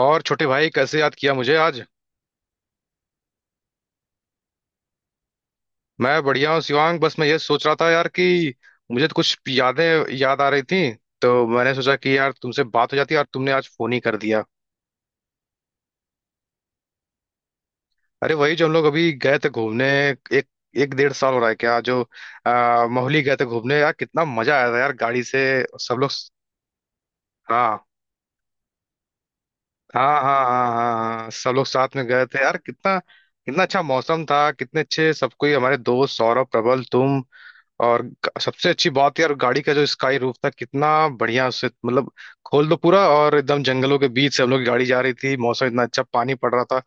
और छोटे भाई कैसे याद किया मुझे आज। मैं बढ़िया हूँ शिवांग। बस मैं ये सोच रहा था यार कि मुझे तो कुछ यादें याद आ रही थी, तो मैंने सोचा कि यार तुमसे बात हो जाती है, और तुमने आज फोन ही कर दिया। अरे वही जो हम लोग अभी गए थे घूमने, एक एक डेढ़ साल हो रहा है क्या जो मोहाली गए थे घूमने, यार कितना मजा आया था यार, गाड़ी से सब लोग। हाँ, हाँ, हाँ, हाँ, हाँ, हाँ, सब लोग साथ में गए थे यार, कितना कितना अच्छा मौसम था, कितने अच्छे सब कोई हमारे दोस्त सौरभ, प्रबल, तुम। और सबसे अच्छी बात यार, गाड़ी का जो स्काई रूफ था, कितना बढ़िया, उससे मतलब खोल दो पूरा और एकदम जंगलों के बीच से हम लोग की गाड़ी जा रही थी, मौसम इतना अच्छा, पानी पड़ रहा था।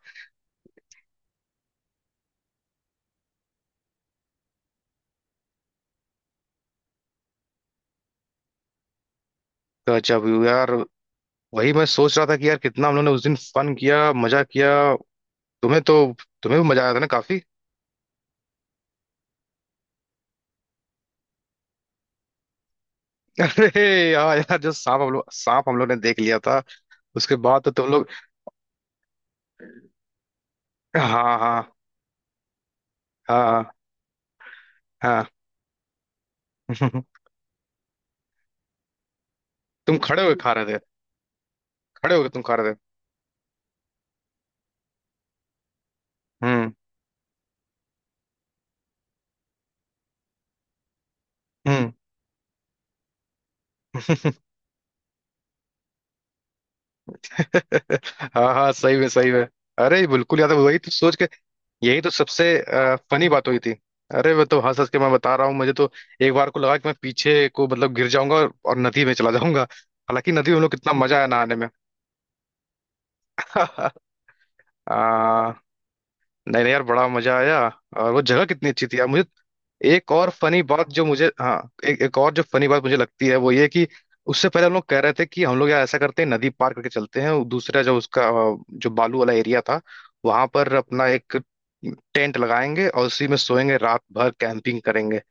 गजब यार। वही मैं सोच रहा था कि यार कितना हम लोगों ने उस दिन फन किया, मजा किया, तुम्हें तो तुम्हें भी मजा आया था ना काफी। अरे यार यार, जो सांप हम लोग ने देख लिया था उसके बाद तो तुम लोग। हाँ, हाँ, हाँ, हाँ। तुम खड़े होके खा रहे थे, खड़े होके तुम खा रहे थे। हम्म। हम्म। हाँ, हाँ, सही में, सही में। अरे बिल्कुल याद है, वही तो सोच के यही तो सबसे फनी बात हुई थी। अरे वो तो हंस हंस के मैं बता रहा हूँ, मुझे तो एक बार को लगा कि मैं पीछे को मतलब गिर जाऊंगा, और नदी में चला जाऊंगा, हालांकि नदी में हम लोग, कितना मजा आया नहाने में। आ, नहीं नहीं यार, बड़ा मजा आया। और वो जगह कितनी अच्छी थी यार मुझे। एक और फनी बात जो मुझे, हाँ। एक एक और जो फनी बात मुझे लगती है वो ये कि उससे पहले हम लोग कह रहे थे कि हम लोग यार ऐसा करते हैं नदी पार करके चलते हैं, और दूसरा जो उसका, जो बालू वाला एरिया था, वहां पर अपना एक टेंट लगाएंगे और उसी में सोएंगे रात भर, कैंपिंग करेंगे।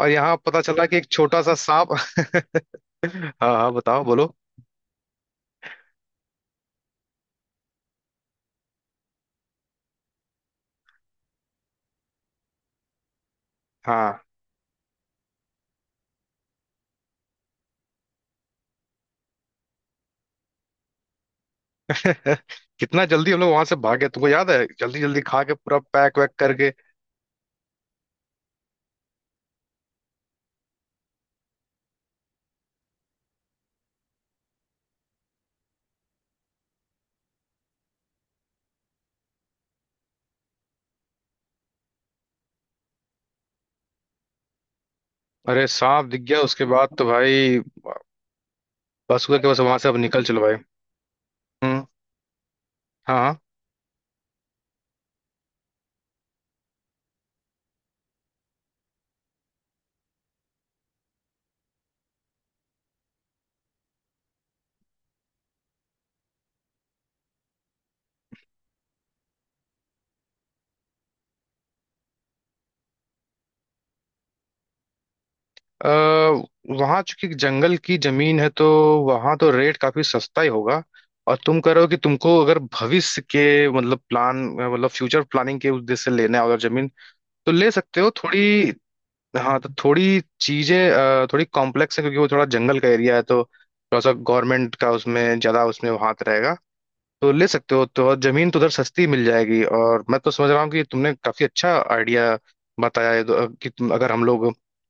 और यहाँ पता चला कि एक छोटा सा सांप। हाँ, हाँ, बताओ, बोलो, हाँ। कितना जल्दी हम लोग वहां से भागे, तुमको याद है, जल्दी जल्दी खा के पूरा पैक वैक करके। अरे सांप दिख गया, उसके बाद तो भाई बस हुआ कि बस वहां से अब निकल चलो भाई। हम्म, हाँ। अः वहां चूंकि जंगल की जमीन है तो वहां तो रेट काफी सस्ता ही होगा। और तुम कह रहे हो कि तुमको अगर भविष्य के मतलब प्लान, मतलब फ्यूचर प्लानिंग के उद्देश्य से लेना है अगर जमीन, तो ले सकते हो थोड़ी। हाँ तो थोड़ी चीजें थोड़ी कॉम्प्लेक्स है, क्योंकि वो थोड़ा जंगल का एरिया है, तो थोड़ा सा गवर्नमेंट का उसमें ज्यादा, उसमें हाथ रहेगा। तो ले सकते हो तो, और जमीन तो उधर सस्ती मिल जाएगी, और मैं तो समझ रहा हूँ कि तुमने काफी अच्छा आइडिया बताया है तो, कि तुम अगर हम लोग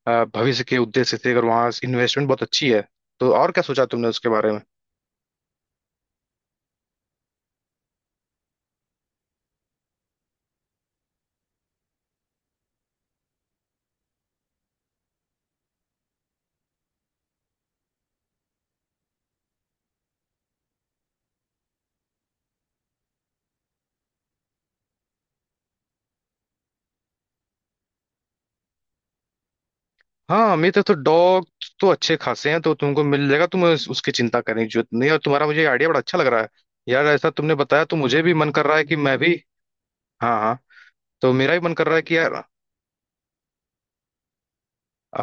भविष्य के उद्देश्य से, अगर वहाँ इन्वेस्टमेंट बहुत अच्छी है तो, और क्या सोचा तुमने उसके बारे में? हाँ, मेरे तो डॉग तो अच्छे खासे हैं तो तुमको मिल जाएगा, उसकी चिंता करने की जरूरत नहीं है। और तुम्हारा मुझे आइडिया बड़ा अच्छा लग रहा है यार, ऐसा तुमने बताया तो मुझे भी मन कर रहा है कि मैं भी, हाँ, हाँ, तो मेरा भी मन कर रहा है कि यार,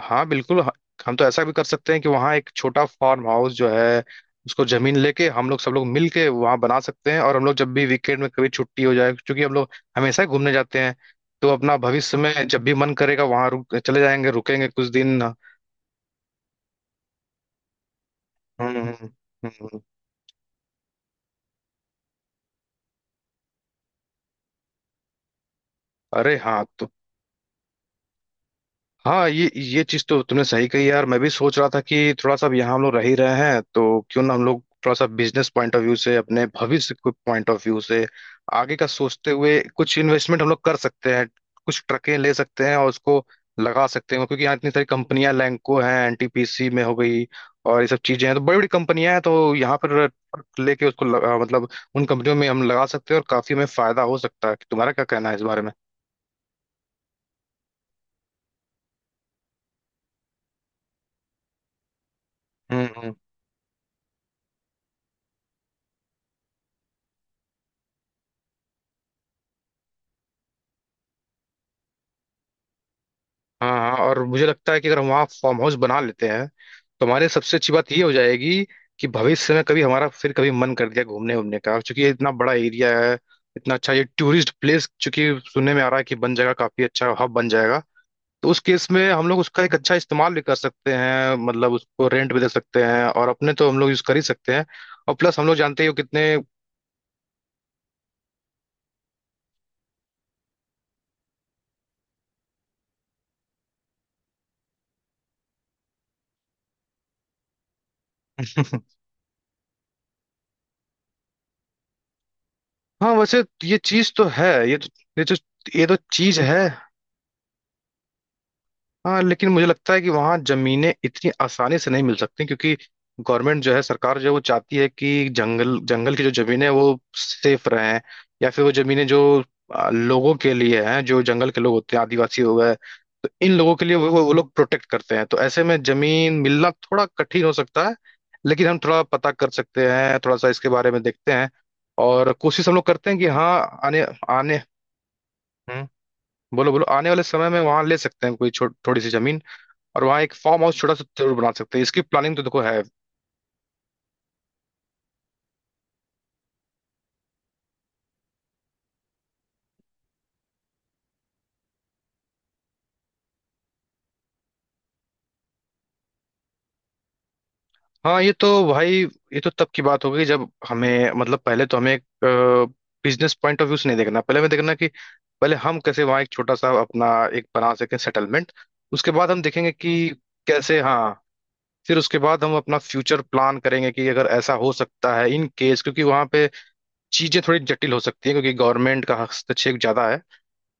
हाँ बिल्कुल। हम तो ऐसा भी कर सकते हैं कि वहाँ एक छोटा फार्म हाउस जो है उसको जमीन लेके हम लोग सब लोग मिल के वहाँ बना सकते हैं, और हम लोग जब भी वीकेंड में कभी छुट्टी हो जाए, क्योंकि हम लोग हमेशा ही घूमने जाते हैं, तो अपना भविष्य में जब भी मन करेगा वहाँ रुक, चले जाएंगे, रुकेंगे कुछ दिन। हम्म, हम्म। अरे हाँ, तो हाँ ये चीज तो तुमने सही कही यार, मैं भी सोच रहा था कि थोड़ा सा अब यहाँ हम लोग रह ही रहे हैं तो क्यों ना हम लोग थोड़ा सा बिजनेस पॉइंट ऑफ व्यू से, अपने भविष्य के पॉइंट ऑफ व्यू से आगे का सोचते हुए कुछ इन्वेस्टमेंट हम लोग कर सकते हैं, कुछ ट्रकें ले सकते हैं और उसको लगा सकते हैं, क्योंकि यहाँ इतनी सारी कंपनियां लैंको हैं, एनटीपीसी में हो गई, और ये सब चीजें हैं, तो बड़ी बड़ी कंपनियां हैं तो यहाँ पर ट्रक लेके मतलब उन कंपनियों में हम लगा सकते हैं और काफी हमें फायदा हो सकता है, तुम्हारा क्या कहना है इस बारे में? हम्म। हाँ, हाँ, और मुझे लगता है कि अगर हम वहाँ फार्म हाउस बना लेते हैं तो हमारे सबसे अच्छी बात ये हो जाएगी कि भविष्य में कभी हमारा फिर कभी मन कर दिया घूमने, घूमने का, क्योंकि ये इतना बड़ा एरिया है, इतना अच्छा ये टूरिस्ट प्लेस चूंकि सुनने में आ रहा है कि बन जाएगा, काफी अच्छा हब बन जाएगा। तो उस केस में हम लोग उसका एक अच्छा इस्तेमाल भी कर सकते हैं, मतलब उसको रेंट भी दे सकते हैं और अपने तो हम लोग यूज कर ही सकते हैं, और प्लस हम लोग जानते ही हो कितने। हाँ, वैसे ये चीज तो है, ये तो ये तो चीज है। हाँ, लेकिन मुझे लगता है कि वहाँ जमीनें इतनी आसानी से नहीं मिल सकती, क्योंकि गवर्नमेंट जो है, सरकार जो है, वो चाहती है कि जंगल, जंगल की जो जमीनें हैं, वो सेफ रहें, या फिर वो जमीनें जो लोगों के लिए हैं, जो जंगल के लोग होते हैं आदिवासी हो गए, तो इन लोगों के लिए वो लोग प्रोटेक्ट करते हैं, तो ऐसे में जमीन मिलना थोड़ा कठिन हो सकता है। लेकिन हम थोड़ा पता कर सकते हैं, थोड़ा सा इसके बारे में देखते हैं, और कोशिश हम लोग करते हैं कि, हाँ आने, आने, हम्म, बोलो, बोलो, आने वाले समय में वहाँ ले सकते हैं कोई थोड़ी सी जमीन, और वहाँ एक फार्म हाउस छोटा सा जरूर बना सकते हैं, इसकी प्लानिंग तो देखो है। हाँ ये तो भाई, ये तो तब की बात हो गई जब हमें मतलब पहले तो हमें एक बिजनेस पॉइंट ऑफ व्यू से नहीं देखना, पहले हमें देखना कि पहले हम कैसे वहाँ एक छोटा सा अपना एक बना सकें सेटलमेंट, उसके बाद हम देखेंगे कि कैसे, हाँ, फिर उसके बाद हम अपना फ्यूचर प्लान करेंगे कि अगर ऐसा हो सकता है इन केस, क्योंकि वहाँ पे चीजें थोड़ी जटिल हो सकती हैं क्योंकि गवर्नमेंट का हस्तक्षेप ज्यादा है,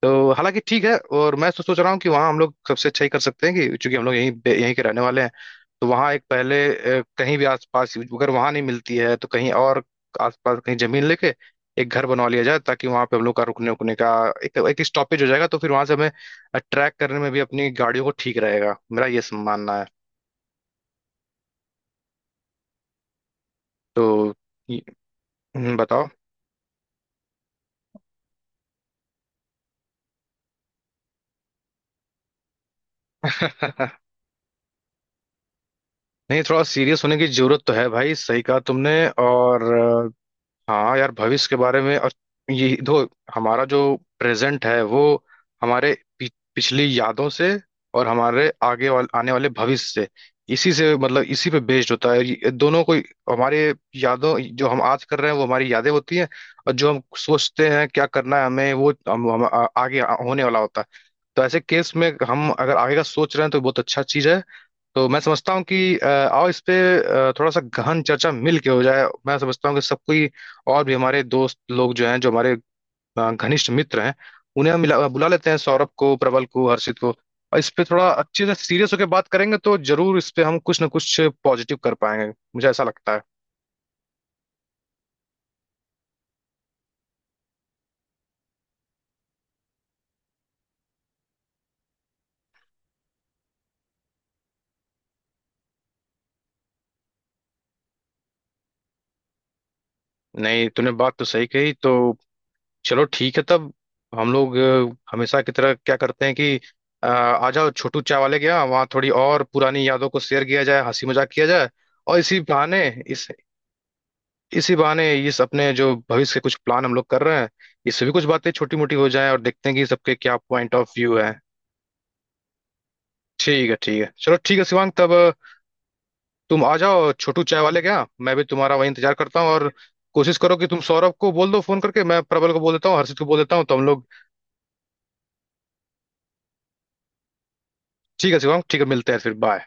तो हालांकि ठीक है, और मैं तो सोच रहा हूँ कि वहाँ हम लोग सबसे अच्छा ही कर सकते हैं कि चूंकि हम लोग यहीं यहीं के रहने वाले हैं, तो वहाँ एक पहले, कहीं भी आसपास, अगर वहाँ नहीं मिलती है तो कहीं और आसपास कहीं जमीन लेके एक घर बनवा लिया जाए, ताकि वहाँ पे हम लोग का रुकने उकने का एक एक स्टॉपेज हो जाएगा, तो फिर वहाँ से हमें ट्रैक करने में भी अपनी गाड़ियों को ठीक रहेगा, मेरा ये मानना है। तो ये- बताओ। नहीं, थोड़ा सीरियस होने की जरूरत तो है भाई, सही कहा तुमने। और हाँ यार भविष्य के बारे में, और ये दो, हमारा जो प्रेजेंट है वो हमारे पि, पिछली यादों से और हमारे आने वाले भविष्य से, इसी से मतलब इसी पे बेस्ड होता है, ये दोनों को हमारे, यादों जो हम आज कर रहे हैं वो हमारी यादें होती हैं, और जो हम सोचते हैं क्या करना है हमें, वो हम आगे होने वाला होता है। तो ऐसे केस में हम अगर आगे का सोच रहे हैं तो बहुत अच्छा चीज है, तो मैं समझता हूँ कि आओ इस पे थोड़ा सा गहन चर्चा मिल के हो जाए। मैं समझता हूँ कि सब कोई और भी हमारे दोस्त लोग जो हैं, जो हमारे घनिष्ठ मित्र हैं, उन्हें हम मिला बुला लेते हैं, सौरभ को, प्रबल को, हर्षित को, और इस पे थोड़ा अच्छे से सीरियस होकर बात करेंगे तो जरूर इस पे हम कुछ ना कुछ पॉजिटिव कर पाएंगे, मुझे ऐसा लगता है। नहीं, तूने बात तो सही कही, तो चलो ठीक है तब, हम लोग हमेशा की तरह क्या करते हैं कि आ जाओ छोटू चाय वाले के यहाँ, वहाँ थोड़ी और पुरानी यादों को शेयर किया जाए, हंसी मजाक किया जाए, और इसी बहाने इस अपने जो भविष्य के कुछ प्लान हम लोग कर रहे हैं इससे भी कुछ बातें छोटी मोटी हो जाए, और देखते हैं कि सबके क्या पॉइंट ऑफ व्यू है। ठीक है, ठीक है, चलो ठीक है शिवांग तब, तुम आ जाओ छोटू चाय वाले के यहाँ, मैं भी तुम्हारा वही इंतजार करता हूँ, और कोशिश करो कि तुम सौरभ को बोल दो फोन करके, मैं प्रबल को बोल देता हूँ, हर्षित को बोल देता हूँ, तो हम लोग, ठीक है शिवांग, ठीक है मिलते हैं फिर, बाय।